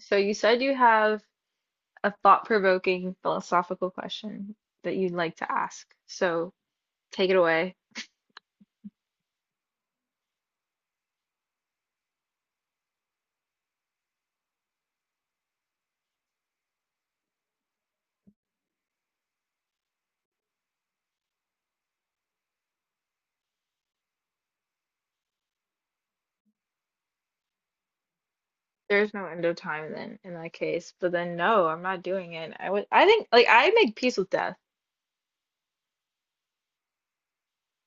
So you said you have a thought-provoking philosophical question that you'd like to ask. So take it away. There's no end of time then, in that case. But then no, I'm not doing it. I think like I make peace with death.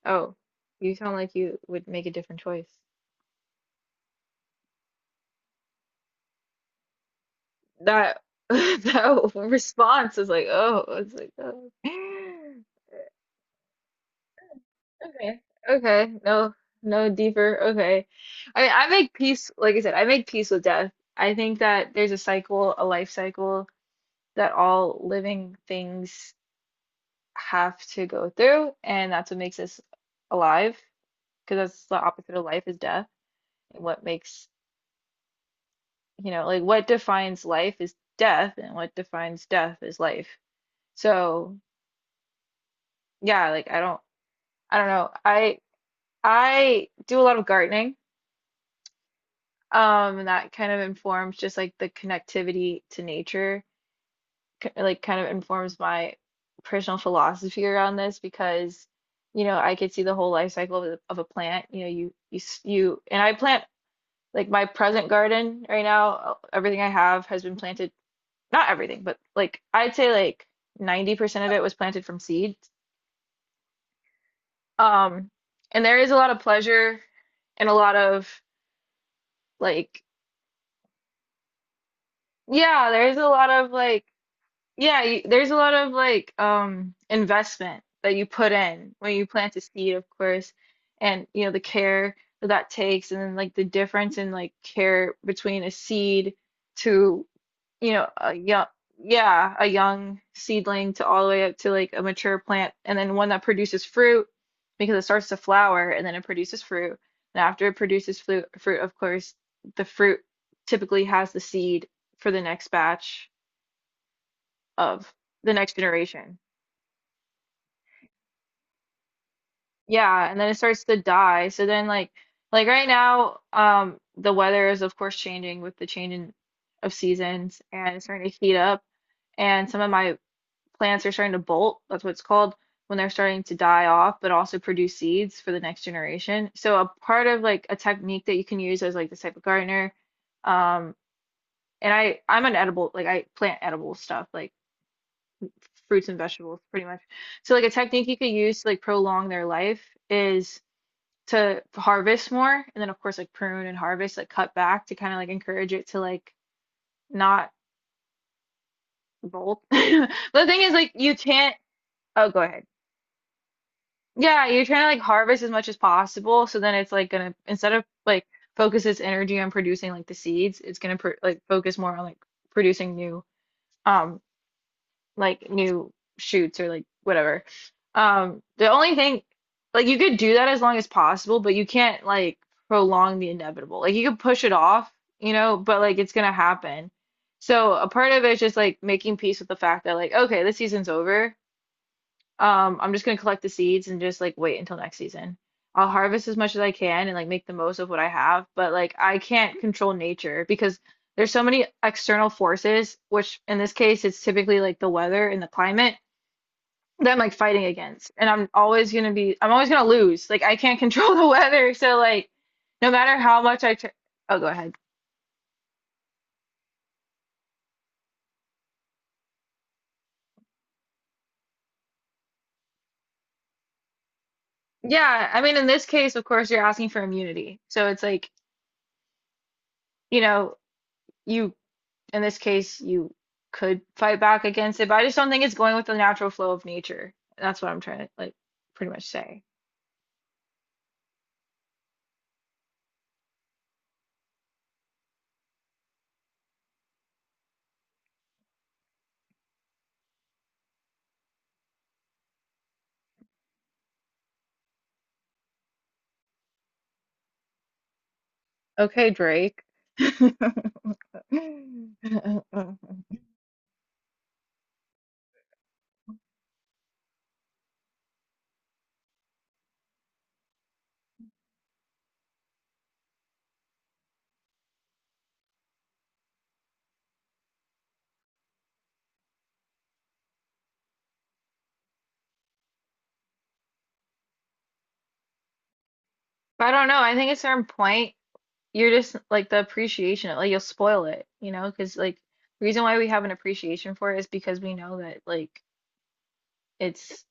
Oh, you sound like you would make a different choice. That that response is like, oh, it's like, oh. Okay. Okay. No, no deeper. Okay. I mean, I make peace, like I said, I make peace with death. I think that there's a cycle, a life cycle that all living things have to go through, and that's what makes us alive, because that's the opposite of life is death. And what makes, like what defines life is death, and what defines death is life. So, yeah, like I don't know. I do a lot of gardening. And that kind of informs just like the connectivity to nature, like kind of informs my personal philosophy around this because, I could see the whole life cycle of, of a plant. You you and I plant like my present garden right now. Everything I have has been planted, not everything, but like I'd say like 90% of it was planted from seed. Um, and there is a lot of pleasure and a lot of like, yeah, there is a lot of like, yeah, you, there's a lot of like investment that you put in when you plant a seed, of course, and you know the care that takes, and then like the difference in like care between a seed to you know a young yeah a young seedling to all the way up to like a mature plant, and then one that produces fruit because it starts to flower and then it produces fruit, and after it produces fruit, fruit of course the fruit typically has the seed for the next batch of the next generation. Yeah, and then it starts to die. So then like right now, the weather is of course changing with the change in of seasons and it's starting to heat up and some of my plants are starting to bolt. That's what it's called when they're starting to die off, but also produce seeds for the next generation. So a part of like a technique that you can use as like this type of gardener, um, and I'm an edible like I plant edible stuff like fruits and vegetables pretty much. So like a technique you could use to like prolong their life is to harvest more and then of course like prune and harvest like cut back to kind of like encourage it to like not bolt. But the thing is like you can't oh, go ahead. Yeah, you're trying to like harvest as much as possible so then it's like gonna instead of like focus its energy on producing like the seeds, it's gonna pr like focus more on like producing new um like new shoots or like whatever. The only thing, like you could do that as long as possible, but you can't like prolong the inevitable. Like you could push it off, but like it's gonna happen. So a part of it is just like making peace with the fact that like, okay, this season's over. I'm just gonna collect the seeds and just like wait until next season. I'll harvest as much as I can and like make the most of what I have, but like I can't control nature because there's so many external forces, which in this case it's typically like the weather and the climate that I'm like fighting against. And I'm always gonna lose. Like I can't control the weather, so like no matter how much I tr. Oh, go ahead. Yeah, I mean, in this case, of course, you're asking for immunity. So it's like, you know, you, in this case, you could fight back against it, but I just don't think it's going with the natural flow of nature. That's what I'm trying to like pretty much say. Okay, Drake. But I don't know. I think at a certain point, you're just like the appreciation, like you'll spoil it, because like the reason why we have an appreciation for it is because we know that like it's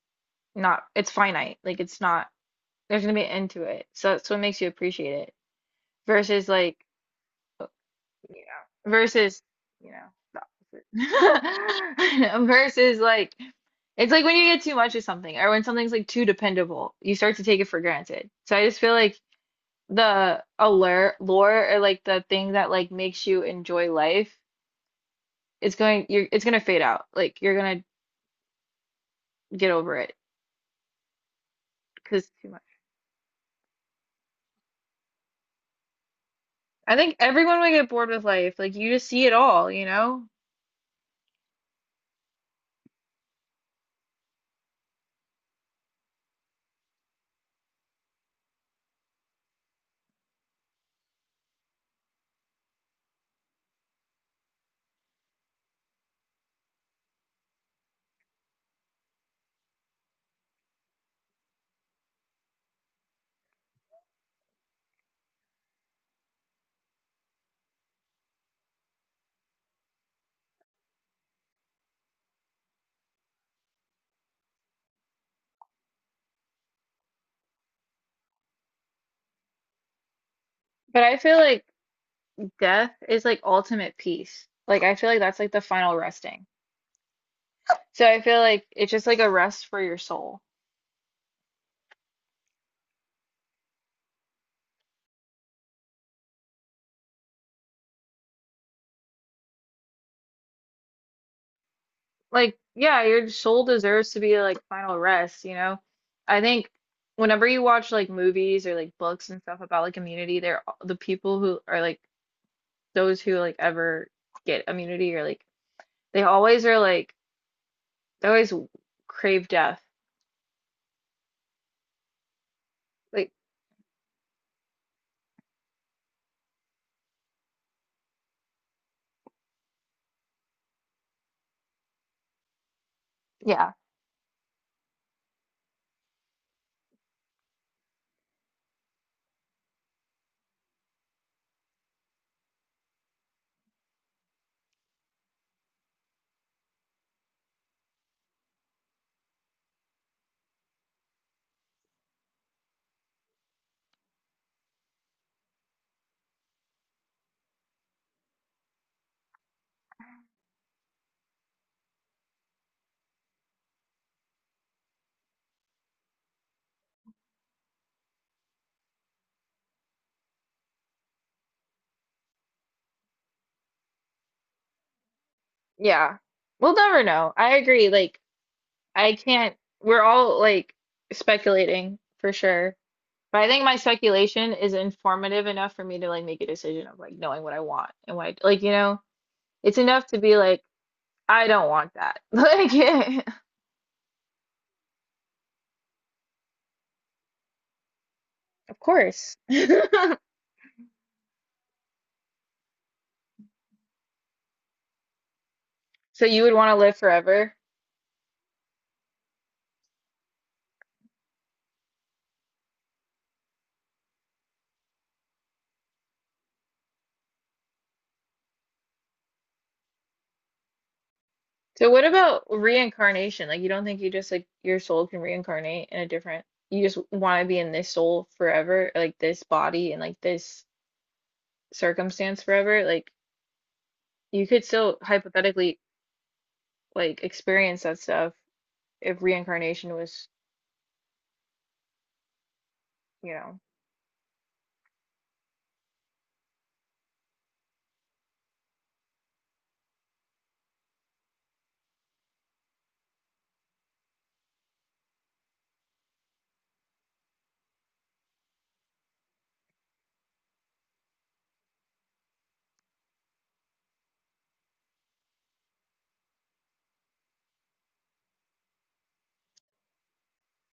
not, it's finite, like it's not, there's gonna be an end to it. So that's what makes you appreciate it versus like, uh, versus, you know. Versus like it's like when you get too much of something or when something's like too dependable, you start to take it for granted. So I just feel like the allure, lore or like the thing that like makes you enjoy life, it's going you're it's gonna fade out. Like you're gonna get over it because it's too much. I think everyone would get bored with life. Like you just see it all, you know? But I feel like death is like ultimate peace. Like I feel like that's like the final resting. So I feel like it's just like a rest for your soul. Like, yeah, your soul deserves to be like final rest, you know. I think whenever you watch like movies or like books and stuff about like immunity, they're the people who are like those who like ever get immunity or like they always are like they always crave death. Like, yeah, yeah, we'll never know. I agree. Like, I can't, we're all like speculating for sure. But I think my speculation is informative enough for me to like make a decision of like knowing what I want and what I, like you know. It's enough to be like, I don't want that. Like, yeah, of course. So you would want to live forever. So what about reincarnation? Like, you don't think you just like your soul can reincarnate in a different, you just want to be in this soul forever, like this body and like this circumstance forever? Like, you could still hypothetically like experience that stuff if reincarnation was, you know.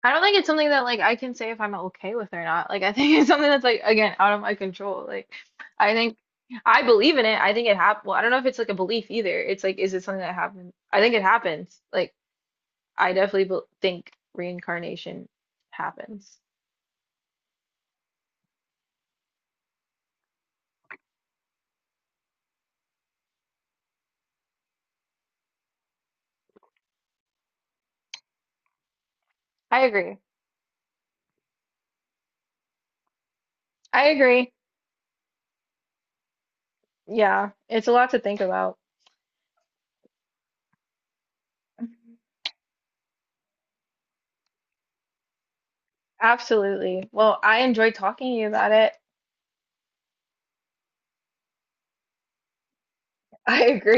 I don't think it's something that like I can say if I'm okay with it or not. Like I think it's something that's like again out of my control. Like I think I believe in it. I think it happened. Well, I don't know if it's like a belief either. It's like is it something that happened? I think it happens. Like I definitely bel think reincarnation happens. I agree. I agree. Yeah, it's a lot to think about. Absolutely. Well, I enjoyed talking to you about it. I agree.